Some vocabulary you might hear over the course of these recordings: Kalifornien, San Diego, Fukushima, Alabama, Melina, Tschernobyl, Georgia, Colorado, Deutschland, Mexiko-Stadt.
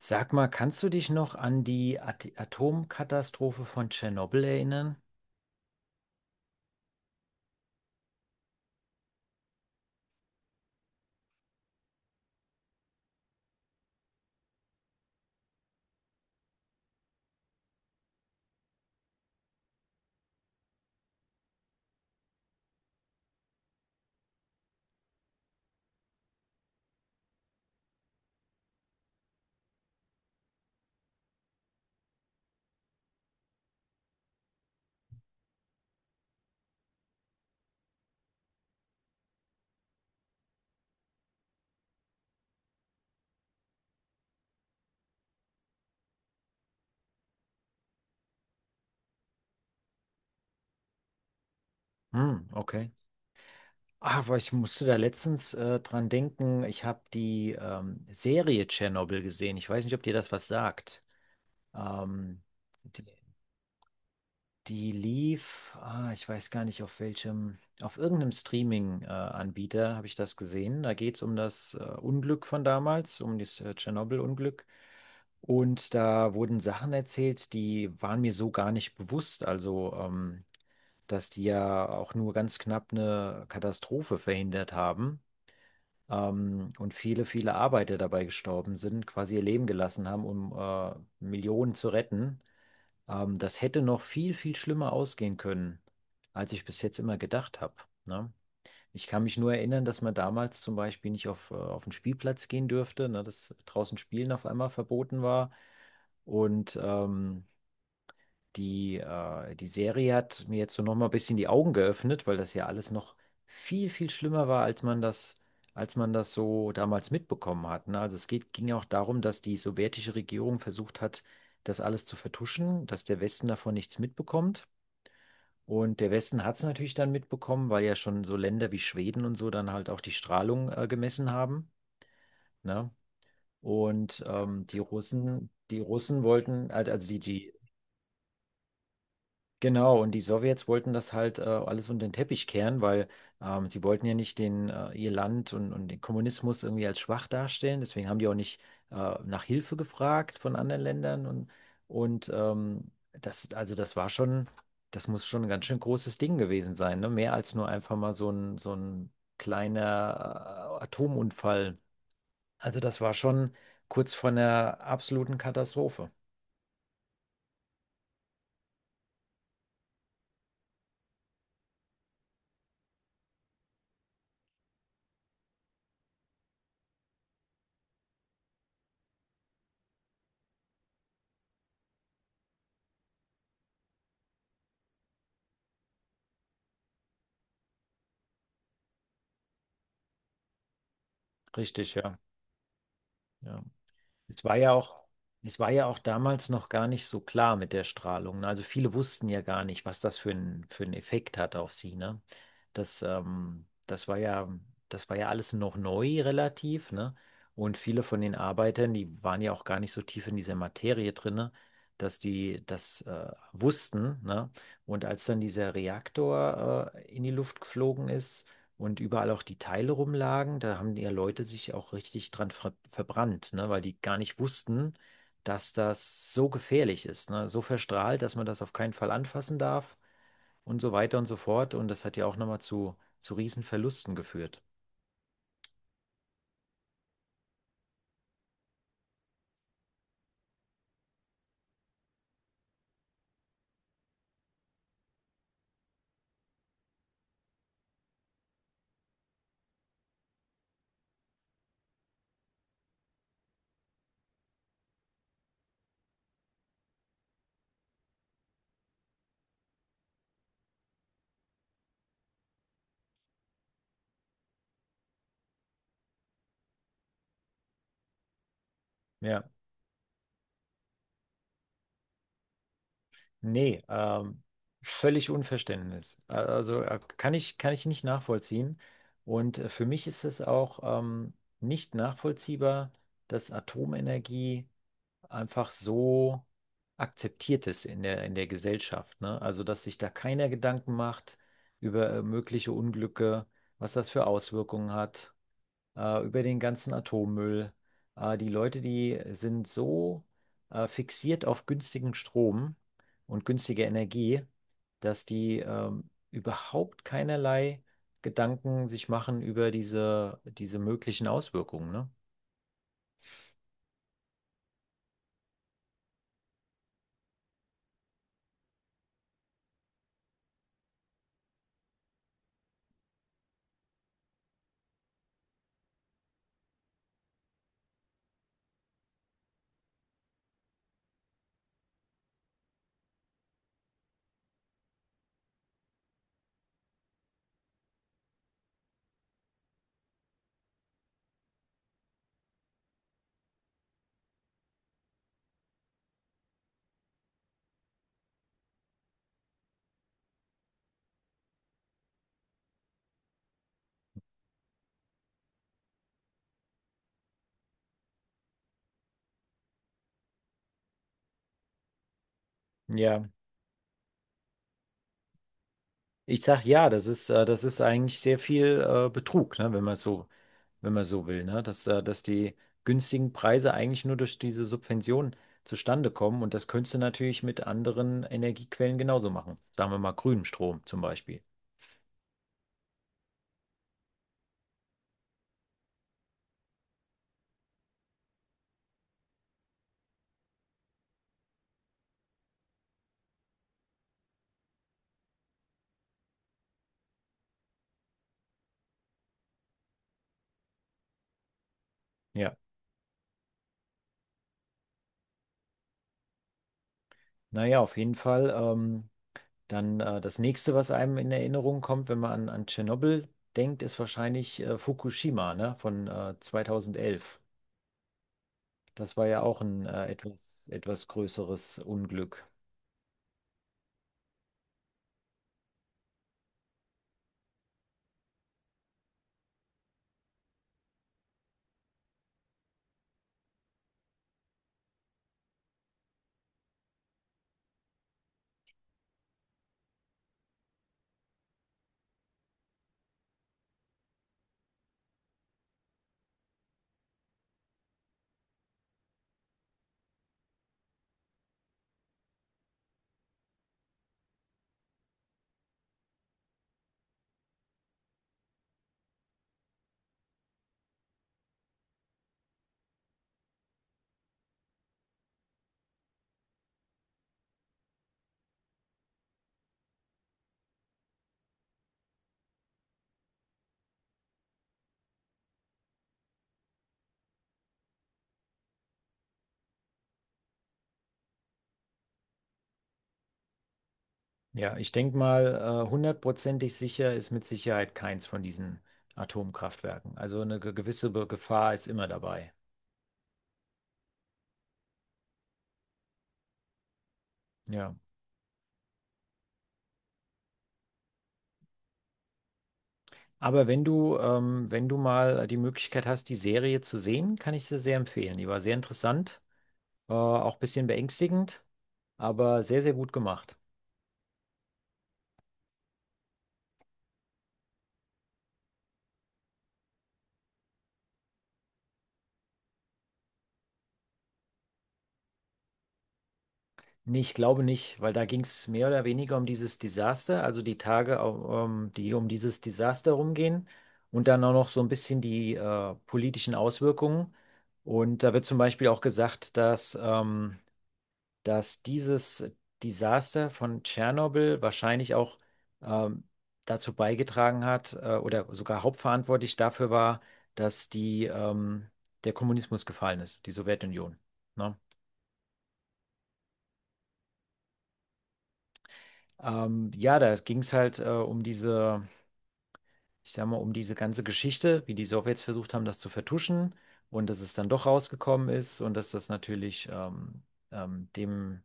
Sag mal, kannst du dich noch an die At Atomkatastrophe von Tschernobyl erinnern? Hm, okay. Ah, weil ich musste da letztens dran denken, ich habe die Serie Tschernobyl gesehen. Ich weiß nicht, ob dir das was sagt. Ähm, die, Die lief, ich weiß gar nicht auf welchem, auf irgendeinem Streaming-Anbieter habe ich das gesehen. Da geht es um das Unglück von damals, um das Tschernobyl-Unglück. Und da wurden Sachen erzählt, die waren mir so gar nicht bewusst. Also, dass die ja auch nur ganz knapp eine Katastrophe verhindert haben. Und viele Arbeiter dabei gestorben sind, quasi ihr Leben gelassen haben, um Millionen zu retten. Das hätte noch viel, viel schlimmer ausgehen können, als ich bis jetzt immer gedacht habe. Ne? Ich kann mich nur erinnern, dass man damals zum Beispiel nicht auf, auf den Spielplatz gehen dürfte, ne? Dass draußen Spielen auf einmal verboten war. Und die Serie hat mir jetzt so nochmal ein bisschen die Augen geöffnet, weil das ja alles noch viel, viel schlimmer war, als man das so damals mitbekommen hat. Ne? Ging ja auch darum, dass die sowjetische Regierung versucht hat, das alles zu vertuschen, dass der Westen davon nichts mitbekommt. Und der Westen hat es natürlich dann mitbekommen, weil ja schon so Länder wie Schweden und so dann halt auch die Strahlung, gemessen haben. Ne? Und die Russen wollten, also die, die Genau, und die Sowjets wollten das halt alles unter den Teppich kehren, weil sie wollten ja nicht ihr Land und den Kommunismus irgendwie als schwach darstellen. Deswegen haben die auch nicht nach Hilfe gefragt von anderen Ländern. Und ähm, also das war schon, das muss schon ein ganz schön großes Ding gewesen sein, ne? Mehr als nur einfach mal so ein kleiner Atomunfall. Also das war schon kurz vor einer absoluten Katastrophe. Richtig, ja. Ja. Es war ja auch, Es war ja auch damals noch gar nicht so klar mit der Strahlung. Ne? Also viele wussten ja gar nicht, was das für einen Effekt hat auf sie, ne? Das, ähm, das war ja, Das war ja alles noch neu relativ, ne? Und viele von den Arbeitern, die waren ja auch gar nicht so tief in dieser Materie drinne, dass die das wussten, ne? Und als dann dieser Reaktor in die Luft geflogen ist, und überall auch die Teile rumlagen. Da haben ja Leute sich auch richtig dran verbrannt, ne? Weil die gar nicht wussten, dass das so gefährlich ist, ne? So verstrahlt, dass man das auf keinen Fall anfassen darf und so weiter und so fort. Und das hat ja auch nochmal zu Riesenverlusten geführt. Ja, nee, völlig Unverständnis. Also kann ich nicht nachvollziehen. Und für mich ist es auch nicht nachvollziehbar, dass Atomenergie einfach so akzeptiert ist in der Gesellschaft, ne? Also, dass sich da keiner Gedanken macht über mögliche Unglücke, was das für Auswirkungen hat, über den ganzen Atommüll. Die Leute, die sind so fixiert auf günstigen Strom und günstige Energie, dass die überhaupt keinerlei Gedanken sich machen über diese möglichen Auswirkungen, ne? Ja. Ich sag ja, das ist eigentlich sehr viel Betrug, ne, wenn man so will, ne? Dass die günstigen Preise eigentlich nur durch diese Subvention zustande kommen und das könntest du natürlich mit anderen Energiequellen genauso machen. Sagen wir mal grünem Strom zum Beispiel. Ja. Naja, auf jeden Fall. Dann das nächste, was einem in Erinnerung kommt, wenn man an Tschernobyl denkt, ist wahrscheinlich Fukushima, ne? Von 2011. Das war ja auch ein etwas größeres Unglück. Ja, ich denke mal, hundertprozentig sicher ist mit Sicherheit keins von diesen Atomkraftwerken. Also eine gewisse Gefahr ist immer dabei. Ja. Aber wenn du, wenn du mal die Möglichkeit hast, die Serie zu sehen, kann ich sie sehr empfehlen. Die war sehr interessant, auch ein bisschen beängstigend, aber sehr, sehr gut gemacht. Nee, ich glaube nicht, weil da ging es mehr oder weniger um dieses Desaster, also die Tage, die um dieses Desaster rumgehen und dann auch noch so ein bisschen die politischen Auswirkungen. Und da wird zum Beispiel auch gesagt, dass dieses Desaster von Tschernobyl wahrscheinlich auch ähm, dazu beigetragen hat oder sogar hauptverantwortlich dafür war, dass der Kommunismus gefallen ist, die Sowjetunion. Ne? Ja, da ging es halt ich sag mal, um diese ganze Geschichte, wie die Sowjets versucht haben, das zu vertuschen und dass es dann doch rausgekommen ist und dass das natürlich ähm, dem,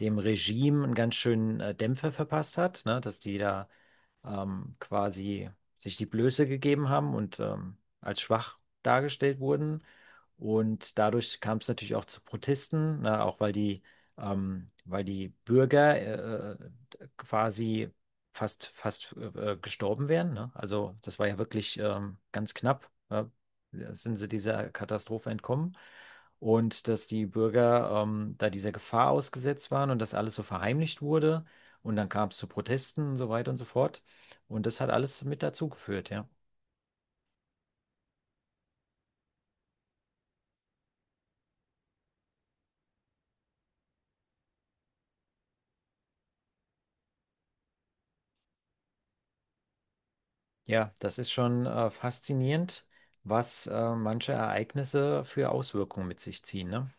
dem Regime einen ganz schönen Dämpfer verpasst hat, ne? Dass die da quasi sich die Blöße gegeben haben und als schwach dargestellt wurden. Und dadurch kam es natürlich auch zu Protesten, ne, weil die Bürger quasi fast gestorben wären. Ne? Also das war ja wirklich ganz knapp, ne? Sind sie dieser Katastrophe entkommen. Und dass die Bürger da dieser Gefahr ausgesetzt waren und das alles so verheimlicht wurde. Und dann kam es zu Protesten und so weiter und so fort. Und das hat alles mit dazu geführt, ja. Ja, das ist schon faszinierend, was manche Ereignisse für Auswirkungen mit sich ziehen, ne?